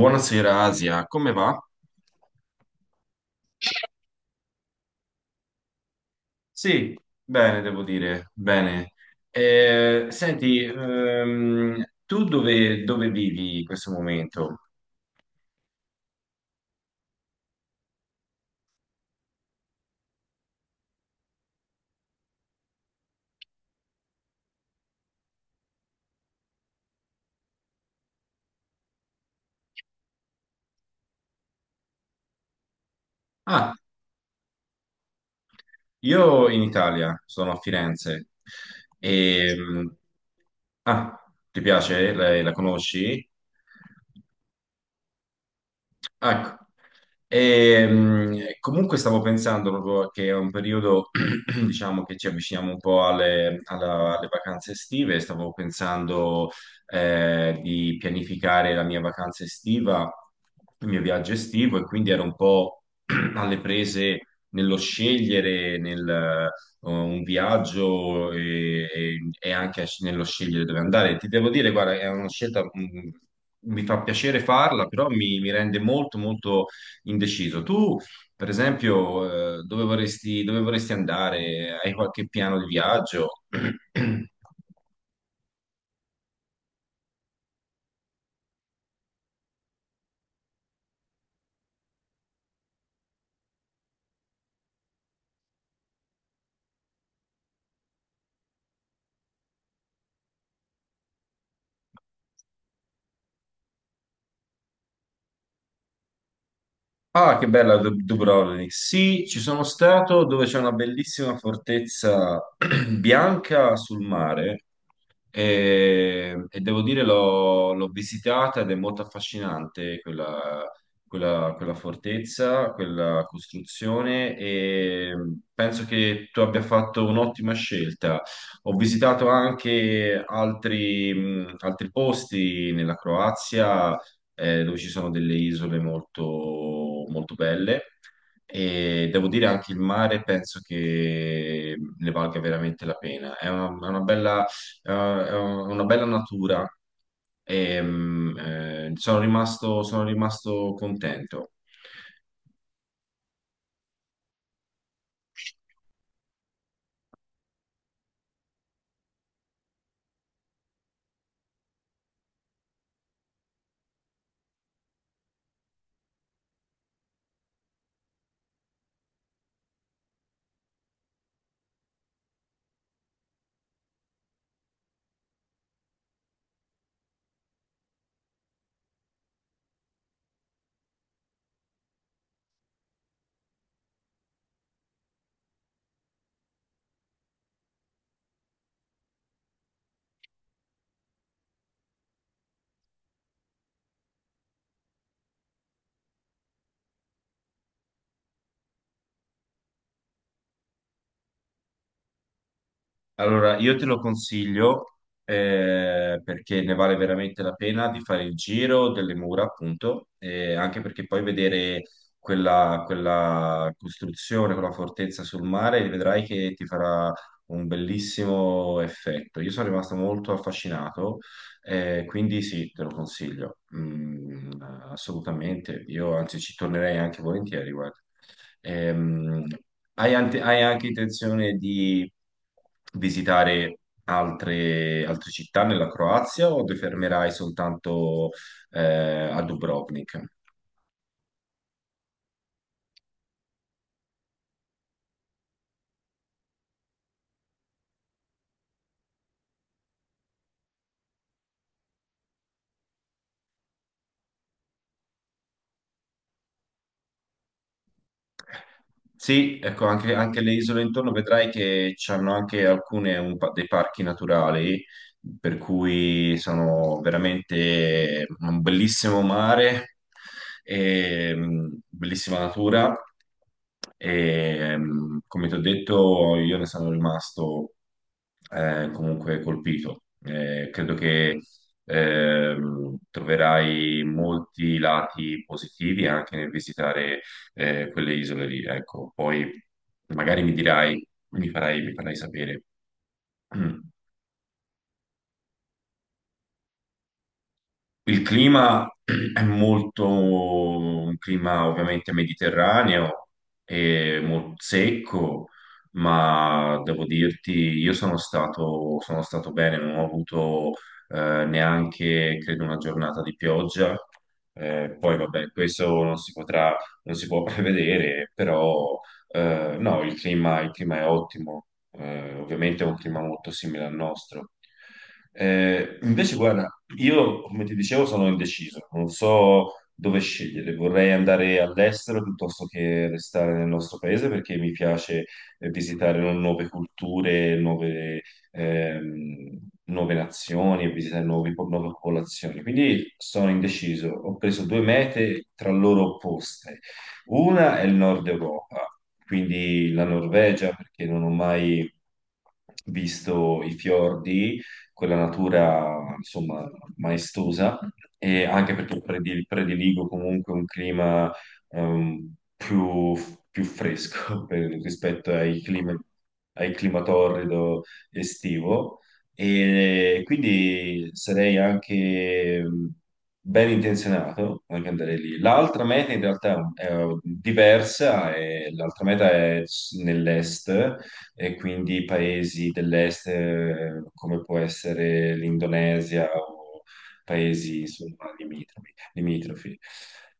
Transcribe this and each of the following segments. Buonasera Asia, come va? Sì, bene, devo dire, bene. Senti, tu dove vivi in questo momento? Ah, io in Italia, sono a Firenze. Ehm, ah, Ti piace? Lei la conosci? Ecco. Comunque stavo pensando proprio che è un periodo, diciamo, che ci avviciniamo un po' alle vacanze estive. Stavo pensando di pianificare la mia vacanza estiva, il mio viaggio estivo, e quindi ero un po' alle prese nello scegliere, un viaggio e anche nello scegliere dove andare. Ti devo dire, guarda, è una scelta, mi fa piacere farla, però mi rende molto, molto indeciso. Tu, per esempio, dove vorresti andare? Hai qualche piano di viaggio? Ah, che bella Dubrovnik. Sì, ci sono stato dove c'è una bellissima fortezza bianca sul mare. E devo dire, l'ho visitata ed è molto affascinante quella fortezza, quella costruzione e penso che tu abbia fatto un'ottima scelta. Ho visitato anche altri, altri posti nella Croazia, dove ci sono delle isole molto, molto belle. E devo dire anche il mare penso che ne valga veramente la pena. È una bella è una bella natura e sono rimasto contento. Allora, io te lo consiglio perché ne vale veramente la pena di fare il giro delle mura, appunto, e anche perché poi vedere quella costruzione, quella fortezza sul mare, vedrai che ti farà un bellissimo effetto. Io sono rimasto molto affascinato, quindi sì, te lo consiglio. Assolutamente. Io anzi ci tornerei anche volentieri, guarda. Ehm, hai hai anche intenzione di visitare altre città nella Croazia o ti fermerai soltanto eh, a Dubrovnik? Sì, ecco, anche le isole intorno vedrai che hanno anche alcune dei parchi naturali, per cui sono veramente un bellissimo mare, e, bellissima natura. E, come ti ho detto, io ne sono rimasto comunque colpito. Credo che troverai molti lati positivi anche nel visitare quelle isole lì. Ecco, poi magari mi dirai, mi farai sapere. Il clima è molto un clima ovviamente mediterraneo e molto secco, ma devo dirti, sono stato bene, non ho avuto neanche, credo, una giornata di pioggia. Poi vabbè, questo non si potrà, non si può prevedere, però no, il clima è ottimo, ovviamente è un clima molto simile al nostro. Invece, guarda, io come ti dicevo sono indeciso, non so dove scegliere, vorrei andare all'estero piuttosto che restare nel nostro paese perché mi piace visitare nuove culture, ehm, nuove nazioni e visitare nuove popolazioni. Quindi sono indeciso, ho preso due mete tra loro opposte, una è il nord Europa, quindi la Norvegia, perché non ho mai visto i fiordi, quella natura, insomma, maestosa, e anche perché prediligo comunque un clima ehm, più, più fresco rispetto ai clima torrido estivo. E quindi sarei anche ben intenzionato anche andare lì. L'altra meta in realtà è diversa, e l'altra meta è nell'est, e quindi paesi dell'est, come può essere l'Indonesia o paesi insomma, limitrofi.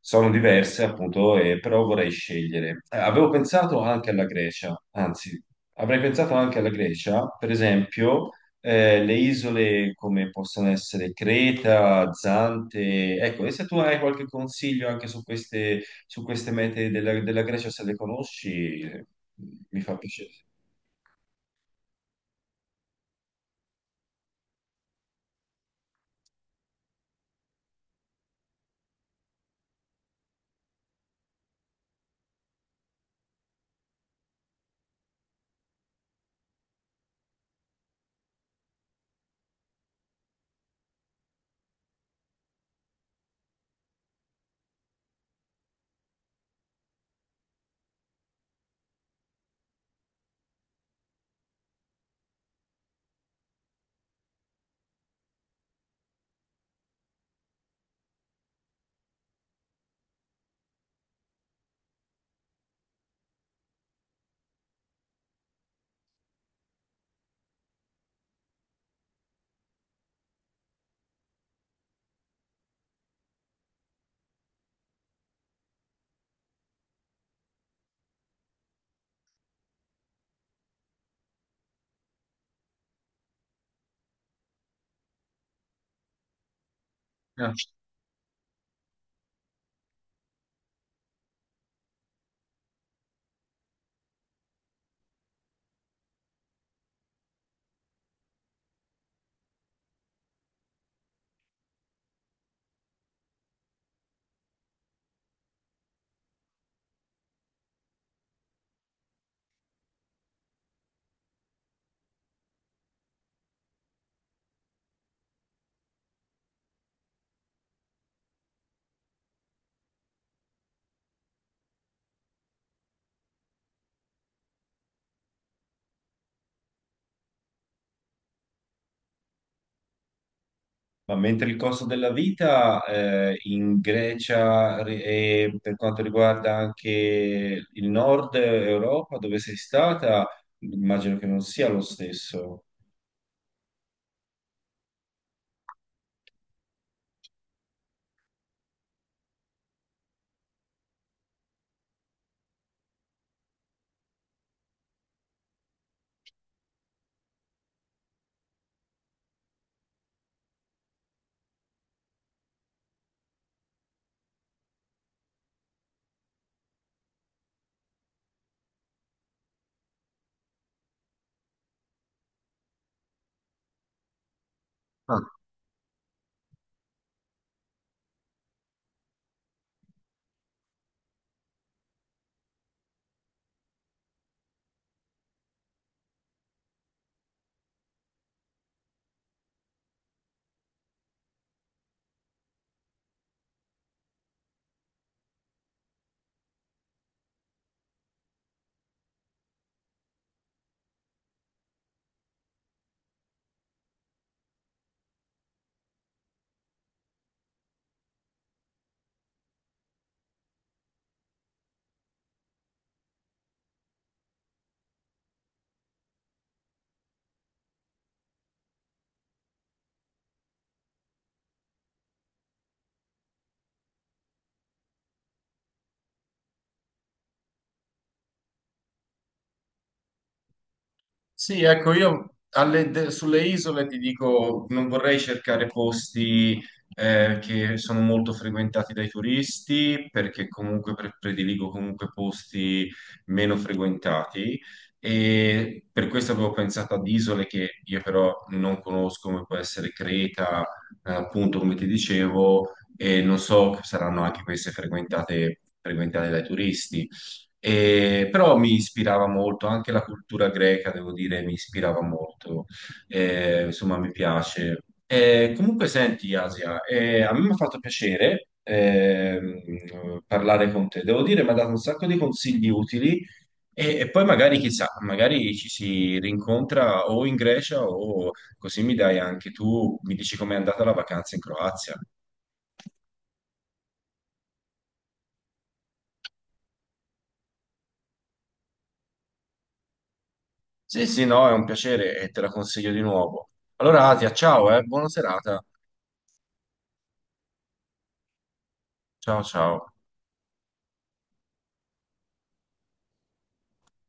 Sono diverse appunto, però vorrei scegliere. Avevo pensato anche alla Grecia, anzi, avrei pensato anche alla Grecia, per esempio, le isole come possono essere Creta, Zante, ecco, e se tu hai qualche consiglio anche su queste mete della Grecia, se le conosci, mi fa piacere. Ah. Ma mentre il costo della vita in Grecia e per quanto riguarda anche il nord Europa, dove sei stata, immagino che non sia lo stesso. Sì, ecco, io sulle isole ti dico, non vorrei cercare posti che sono molto frequentati dai turisti, perché comunque prediligo comunque posti meno frequentati, e per questo avevo pensato ad isole che io però non conosco, come può essere Creta, appunto come ti dicevo, e non so, saranno anche queste frequentate dai turisti. Però mi ispirava molto, anche la cultura greca, devo dire, mi ispirava molto. Insomma mi piace. Comunque senti, Asia, a me mi ha fatto piacere, parlare con te, devo dire, mi ha dato un sacco di consigli utili, e poi magari, chissà, magari ci si rincontra o in Grecia o così mi dai anche tu, mi dici com'è andata la vacanza in Croazia. Sì, sì, no, è un piacere e te la consiglio di nuovo. Allora, Asia, ciao, buona serata. Ciao ciao.